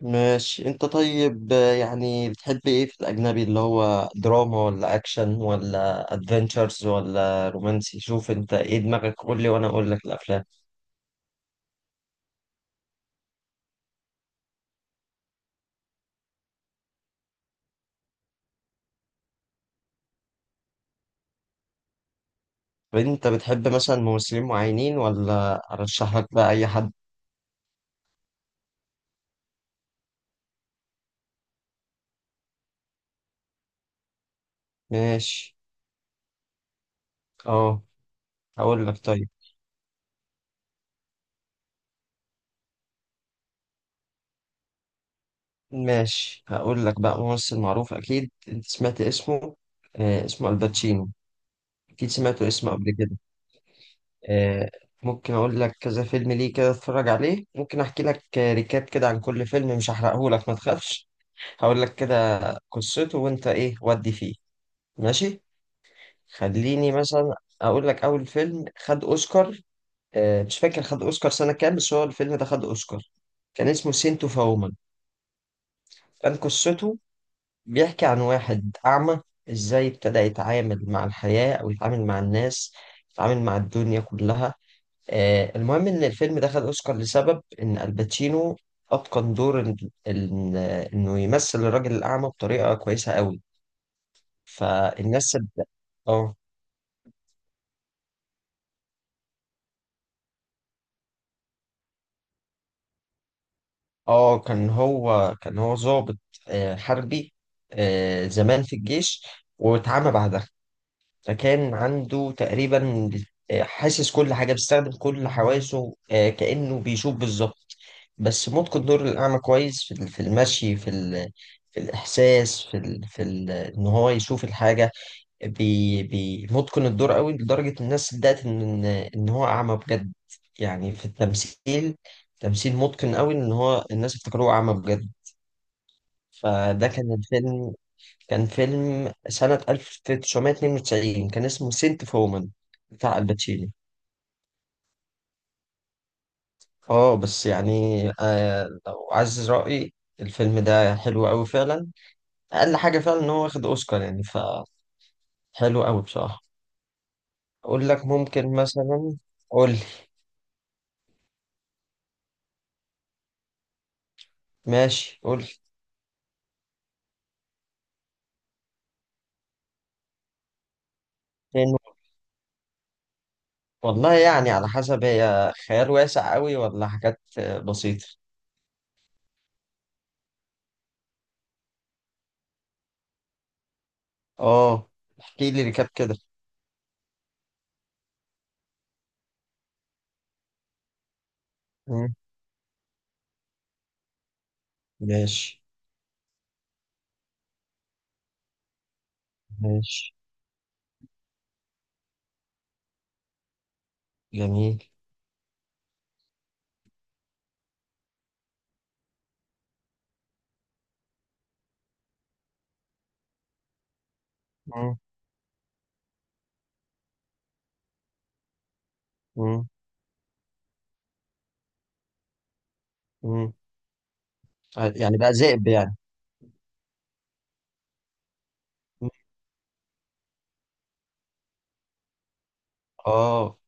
ماشي انت طيب، يعني بتحب ايه في الاجنبي اللي هو دراما ولا اكشن ولا ادفنتشرز ولا رومانسي؟ شوف انت ايه دماغك، قول لي وانا اقول لك الافلام. طب انت بتحب مثلا ممثلين معينين ولا ارشح لك بقى اي حد؟ ماشي، اه، هقول لك. طيب، ماشي، هقول لك بقى ممثل معروف اكيد انت سمعت اسمه. اسمه الباتشينو، اكيد سمعته اسمه قبل كده. آه، ممكن اقول لك كذا فيلم، ليه كده اتفرج عليه. ممكن احكي لك ريكاب كده عن كل فيلم، مش هحرقه لك، ما تخافش. هقول لك كده قصته وانت ايه ودي فيه. ماشي، خليني مثلا اقول لك اول فيلم خد اوسكار. مش فاكر خد اوسكار سنة كام، بس هو الفيلم ده خد اوسكار. كان اسمه سينتو فومن. كان قصته بيحكي عن واحد اعمى، ازاي ابتدى يتعامل مع الحياة، او يتعامل مع الناس، يتعامل مع الدنيا كلها. المهم إن الفيلم دخل أوسكار لسبب إن الباتشينو أتقن دور إنه يمثل الراجل الأعمى بطريقة كويسة قوي. فالناس صدق. اه، اه، كان هو ضابط، حربي، زمان في الجيش، واتعمى بعدها. فكان عنده تقريبا حاسس كل حاجة، بيستخدم كل حواسه، كأنه بيشوف بالظبط. بس ممكن الدور الأعمى كويس في في المشي، في في الإحساس، في إن هو يشوف الحاجة. متقن الدور قوي لدرجة الناس صدقت إن هو أعمى بجد. يعني في التمثيل، تمثيل متقن قوي، إن هو الناس افتكروه أعمى بجد. فده كان الفيلم، كان فيلم سنة 1992، كان اسمه سنت فومان بتاع الباتشينو. اه، بس يعني، لو عايز رأيي، الفيلم ده حلو قوي فعلا. أقل حاجة فعلا إن هو واخد أوسكار، يعني فحلو قوي بصراحة. أقول لك ممكن مثلا. قول لي. ماشي، قول لي. فين؟ والله يعني على حسب، هي خيال واسع قوي ولا حاجات بسيطة؟ اه، احكي لي ريكاب كده. مم، ماشي. ماشي. جميل. مم. مم. مم. يعني بقى ذئب يعني؟ اه،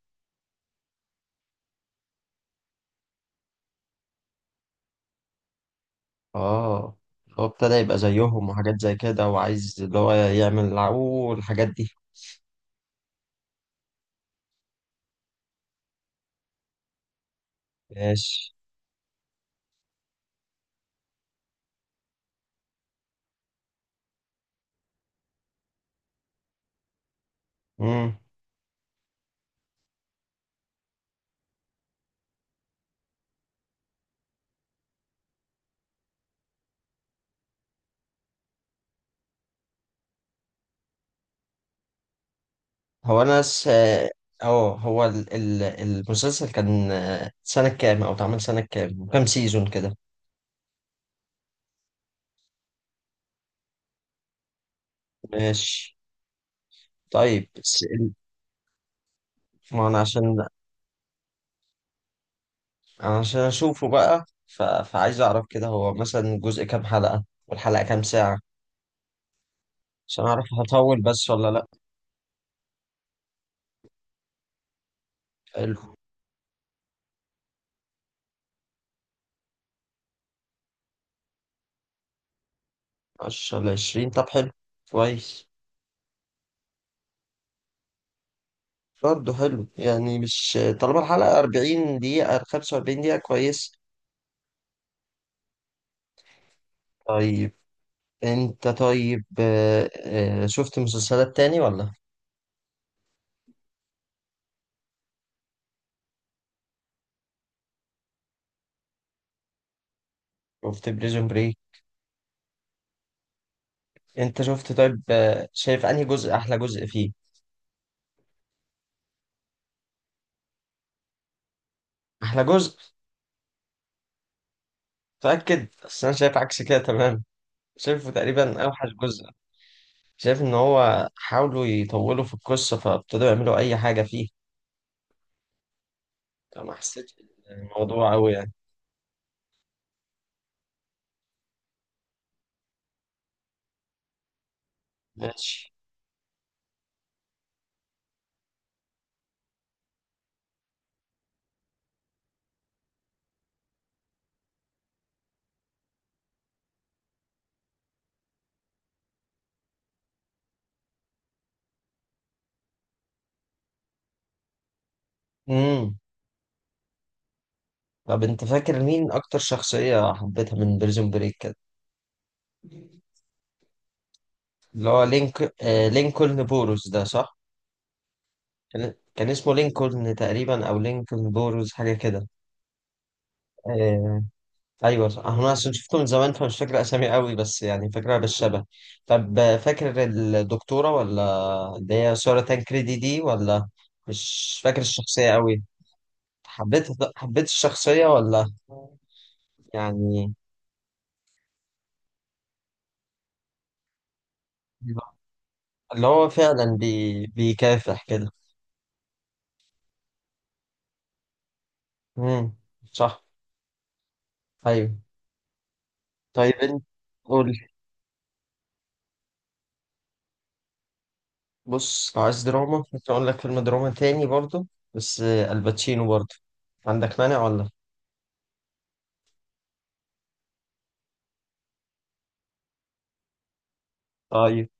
اه، هو ابتدى يبقى زيهم وحاجات زي كده، وعايز اللي هو يعمل عو، والحاجات دي. ماشي. مم. هو انا س... اه هو المسلسل كان سنة كام، او اتعمل سنة كام، كام سيزون كده؟ ماشي. طيب، ما انا عشان اشوفه بقى، فعايز اعرف كده، هو مثلا جزء كام حلقة، والحلقة كام ساعة؟ عشان اعرف هطول بس ولا لا. حلو. 10 لـ20، طب حلو. كويس. برضه حلو يعني، مش طالما الحلقة 40 دقيقة، 45 دقيقة، كويس. طيب. أنت طيب، شفت مسلسلات تاني ولا؟ شفت بريزون بريك. أنت شفت؟ طيب شايف أنهي جزء أحلى جزء فيه؟ أحلى جزء. متأكد؟ بس أنا شايف عكس كده. تمام. شايفه تقريبا أوحش جزء. شايف إن هو حاولوا يطولوا في القصة، فابتدوا يعملوا أي حاجة فيه. فما حسيتش الموضوع أوي يعني. ماشي. مم. طب انت فاكر مين اكتر شخصية حبيتها من بريزون بريك كده؟ اللي هو لينك لينكولن بوروس ده، صح؟ كان اسمه لينكولن تقريبا، او لينكولن بوروس، حاجة كده. آه ايوه صح. انا عشان شفته من زمان فمش فاكر اسامي قوي، بس يعني فاكرها بالشبه. طب فاكر الدكتورة ولا، اللي هي سارة تانكريدي دي، ولا؟ مش فاكر الشخصية قوي. حبيت، حبيت الشخصية ولا؟ يعني اللي هو فعلا بيكافح كده. امم. صح. ايوه. طيب انت قول لي. بص، لو عايز دراما ممكن اقول لك فيلم دراما تاني برضه، بس الباتشينو برضه، عندك مانع ولا؟ طيب.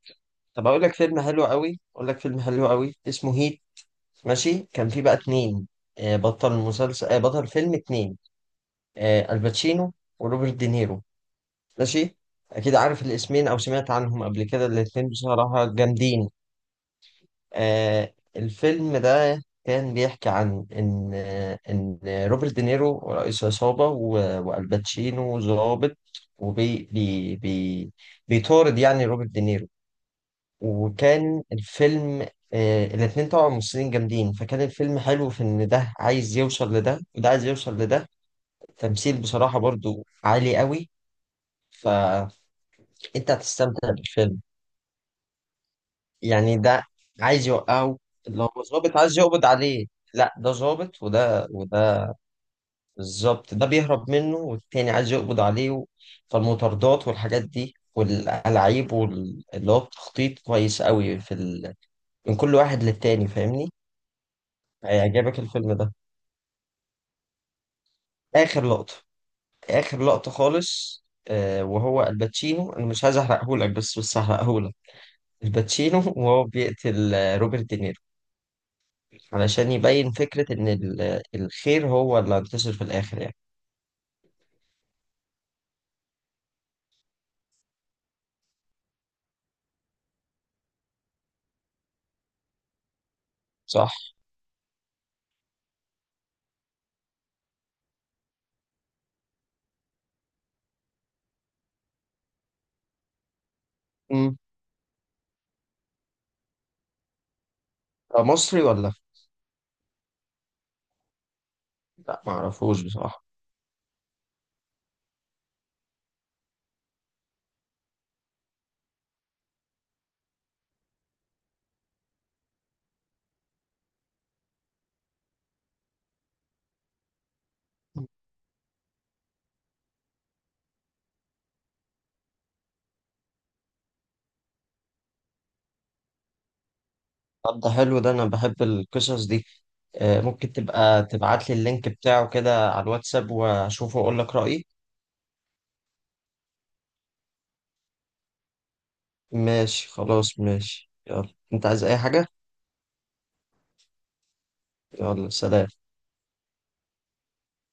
طب اقول لك فيلم حلو قوي، اقول لك فيلم حلو قوي، اسمه هيت. ماشي، كان فيه بقى اتنين، بطل مسلسل، بطل فيلم اتنين، الباتشينو وروبرت دينيرو. ماشي. اكيد عارف الاسمين، او سمعت عنهم قبل كده، الاتنين بصراحة جامدين. الفيلم ده كان بيحكي عن إن إن روبرت دينيرو رئيس عصابة، والباتشينو ضابط، وبي بي بي بيطارد يعني روبرت دينيرو. وكان الفيلم، الاتنين طبعا ممثلين جامدين، فكان الفيلم حلو في إن ده عايز يوصل لده وده عايز يوصل لده. التمثيل بصراحة برضو عالي قوي. فأنت هتستمتع بالفيلم. يعني ده عايز يوقعه، اللي هو ظابط عايز يقبض عليه. لا ده ظابط وده. بالظبط، ده بيهرب منه والتاني عايز يقبض عليه. فالمطاردات والحاجات دي والألعاب واللي هو التخطيط كويس قوي من كل واحد للتاني، فاهمني؟ هيعجبك الفيلم ده. آخر لقطة، آخر لقطة خالص، وهو الباتشينو، أنا مش عايز أحرقهولك، بس هحرقهولك. الباتشينو وهو بيقتل روبرت دينيرو، علشان يبين فكرة إن الخير هو اللي هينتصر في الآخر يعني. صح؟ مم. ده مصري ولا؟ لا، معرفوش بصراحة. طب ده حلو، ده أنا بحب القصص دي. ممكن تبقى تبعت لي اللينك بتاعه كده على الواتساب، وأشوفه وأقول لك رأيي. ماشي، خلاص ماشي، يلا أنت عايز أي حاجة؟ يلا سلام.